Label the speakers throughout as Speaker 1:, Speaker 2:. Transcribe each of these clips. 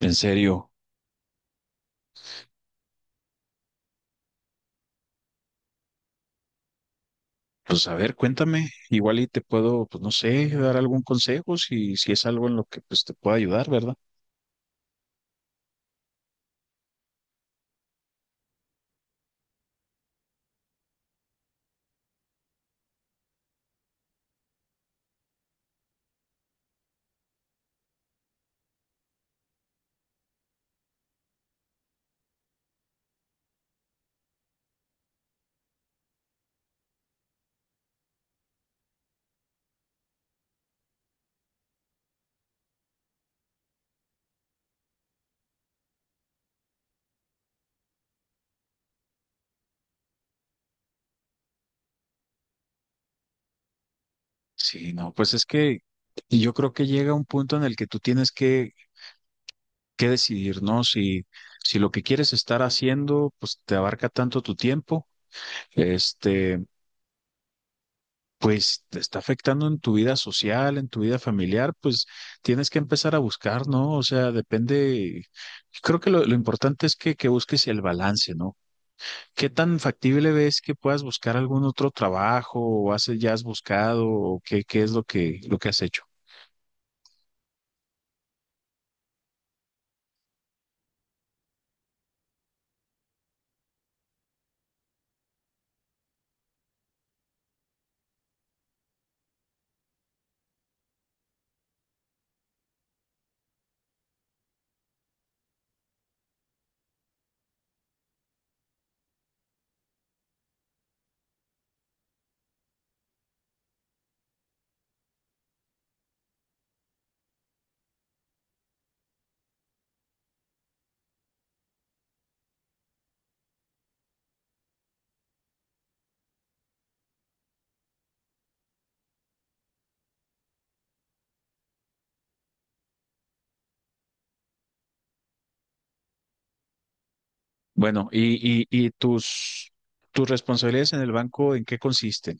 Speaker 1: En serio, pues a ver, cuéntame, igual y te puedo, pues no sé, dar algún consejo si es algo en lo que pues te pueda ayudar, ¿verdad? Sí, no, pues es que yo creo que llega un punto en el que tú tienes que decidir, ¿no? Si, si lo que quieres estar haciendo, pues te abarca tanto tu tiempo, este, pues te está afectando en tu vida social, en tu vida familiar, pues tienes que empezar a buscar, ¿no? O sea, depende, creo que lo importante es que busques el balance, ¿no? ¿Qué tan factible ves que puedas buscar algún otro trabajo o ya has buscado o qué es lo que has hecho? Bueno, y tus, tus responsabilidades en el banco, ¿en qué consisten?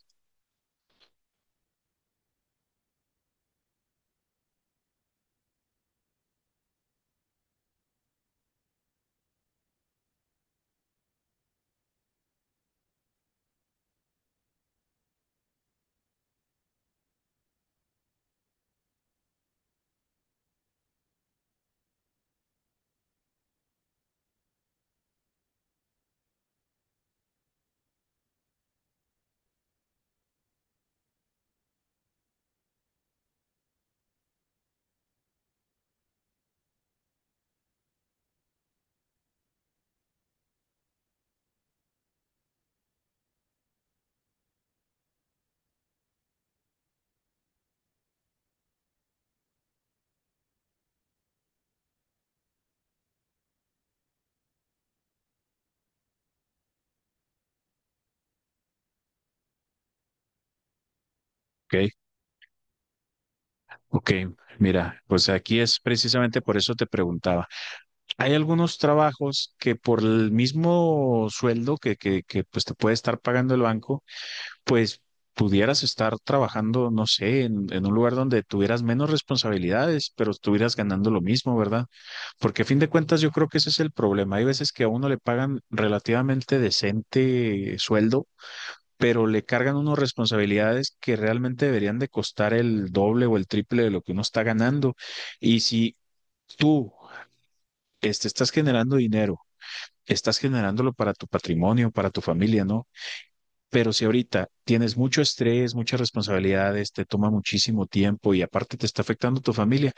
Speaker 1: Ok, ok, mira, pues aquí es precisamente por eso te preguntaba. Hay algunos trabajos que por el mismo sueldo que pues te puede estar pagando el banco, pues pudieras estar trabajando, no sé, en un lugar donde tuvieras menos responsabilidades, pero estuvieras ganando lo mismo, ¿verdad? Porque a fin de cuentas yo creo que ese es el problema. Hay veces que a uno le pagan relativamente decente sueldo, pero le cargan unos responsabilidades que realmente deberían de costar el doble o el triple de lo que uno está ganando. Y si tú estás generando dinero, estás generándolo para tu patrimonio, para tu familia, ¿no? Pero si ahorita tienes mucho estrés, muchas responsabilidades, te toma muchísimo tiempo y aparte te está afectando tu familia,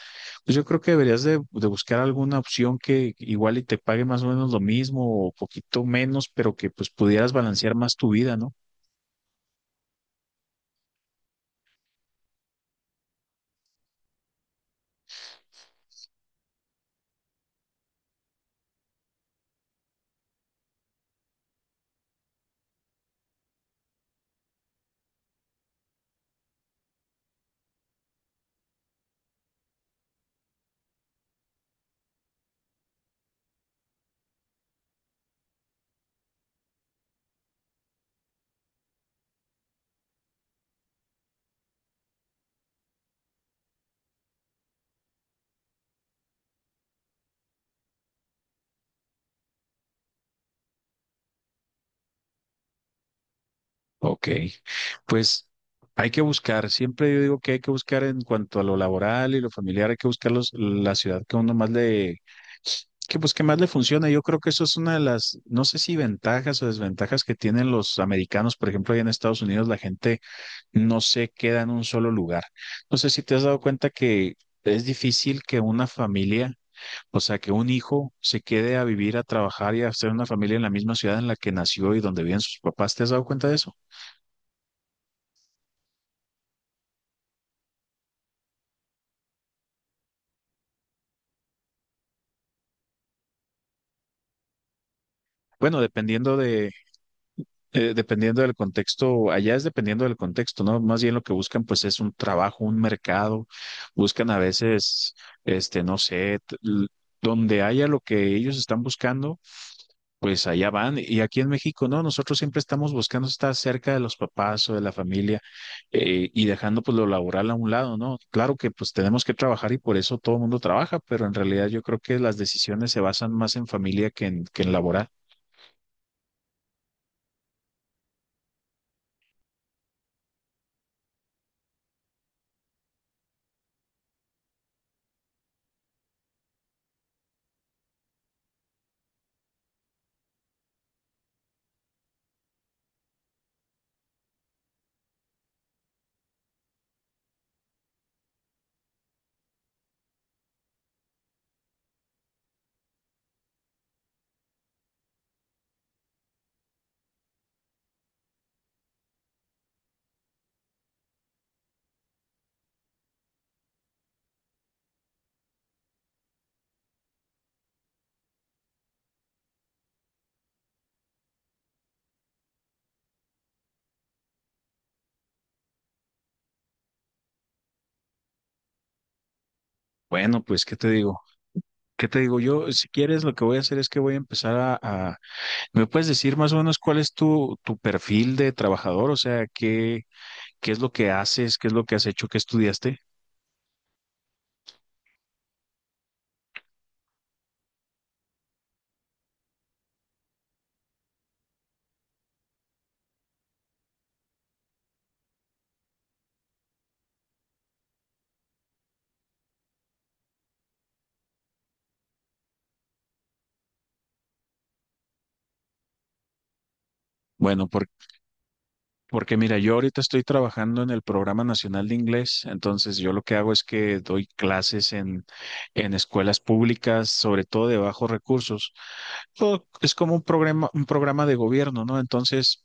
Speaker 1: pues yo creo que deberías de buscar alguna opción que igual y te pague más o menos lo mismo o poquito menos, pero que pues pudieras balancear más tu vida, ¿no? Ok, pues hay que buscar, siempre yo digo que hay que buscar en cuanto a lo laboral y lo familiar, hay que buscar la ciudad que a uno más le, que pues que más le funciona. Yo creo que eso es una de las, no sé si ventajas o desventajas que tienen los americanos. Por ejemplo, allá en Estados Unidos la gente no se queda en un solo lugar. No sé si te has dado cuenta que es difícil que una familia, o sea, que un hijo se quede a vivir, a trabajar y a hacer una familia en la misma ciudad en la que nació y donde viven sus papás. ¿Te has dado cuenta de eso? Bueno, dependiendo de dependiendo del contexto, allá es dependiendo del contexto, ¿no? Más bien lo que buscan pues es un trabajo, un mercado, buscan a veces, no sé, donde haya lo que ellos están buscando, pues allá van. Y aquí en México, no, nosotros siempre estamos buscando estar cerca de los papás o de la familia y dejando pues lo laboral a un lado, ¿no? Claro que pues tenemos que trabajar y por eso todo el mundo trabaja, pero en realidad yo creo que las decisiones se basan más en familia que en laboral. Bueno, pues, ¿qué te digo? ¿Qué te digo yo? Si quieres, lo que voy a hacer es que voy a empezar ¿me puedes decir más o menos cuál es tu, tu perfil de trabajador? O sea, ¿qué, qué es lo que haces? ¿Qué es lo que has hecho? ¿Qué estudiaste? Bueno, porque mira, yo ahorita estoy trabajando en el Programa Nacional de Inglés, entonces yo lo que hago es que doy clases en escuelas públicas, sobre todo de bajos recursos. Todo es como un programa de gobierno, ¿no? Entonces...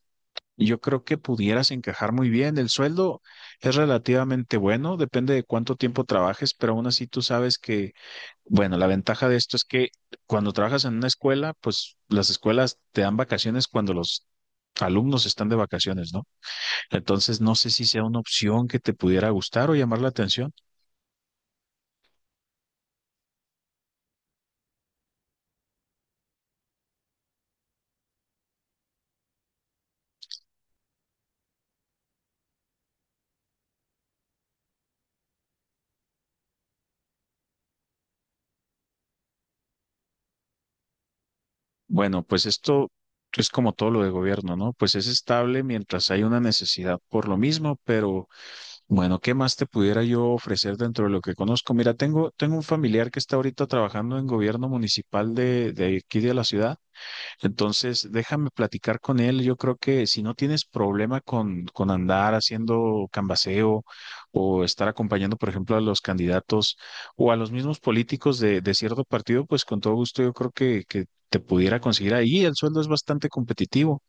Speaker 1: y yo creo que pudieras encajar muy bien. El sueldo es relativamente bueno, depende de cuánto tiempo trabajes, pero aún así tú sabes que, bueno, la ventaja de esto es que cuando trabajas en una escuela, pues las escuelas te dan vacaciones cuando los alumnos están de vacaciones, ¿no? Entonces, no sé si sea una opción que te pudiera gustar o llamar la atención. Bueno, pues esto es como todo lo de gobierno, ¿no? Pues es estable mientras hay una necesidad por lo mismo, pero... Bueno, ¿qué más te pudiera yo ofrecer dentro de lo que conozco? Mira, tengo un familiar que está ahorita trabajando en gobierno municipal de aquí de la ciudad. Entonces, déjame platicar con él. Yo creo que si no tienes problema con andar haciendo cambaceo o estar acompañando, por ejemplo, a los candidatos o a los mismos políticos de cierto partido, pues con todo gusto yo creo que te pudiera conseguir ahí. El sueldo es bastante competitivo.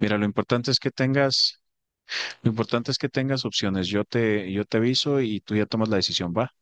Speaker 1: Mira, lo importante es que tengas lo importante es que tengas opciones. Yo te aviso y tú ya tomas la decisión, ¿va?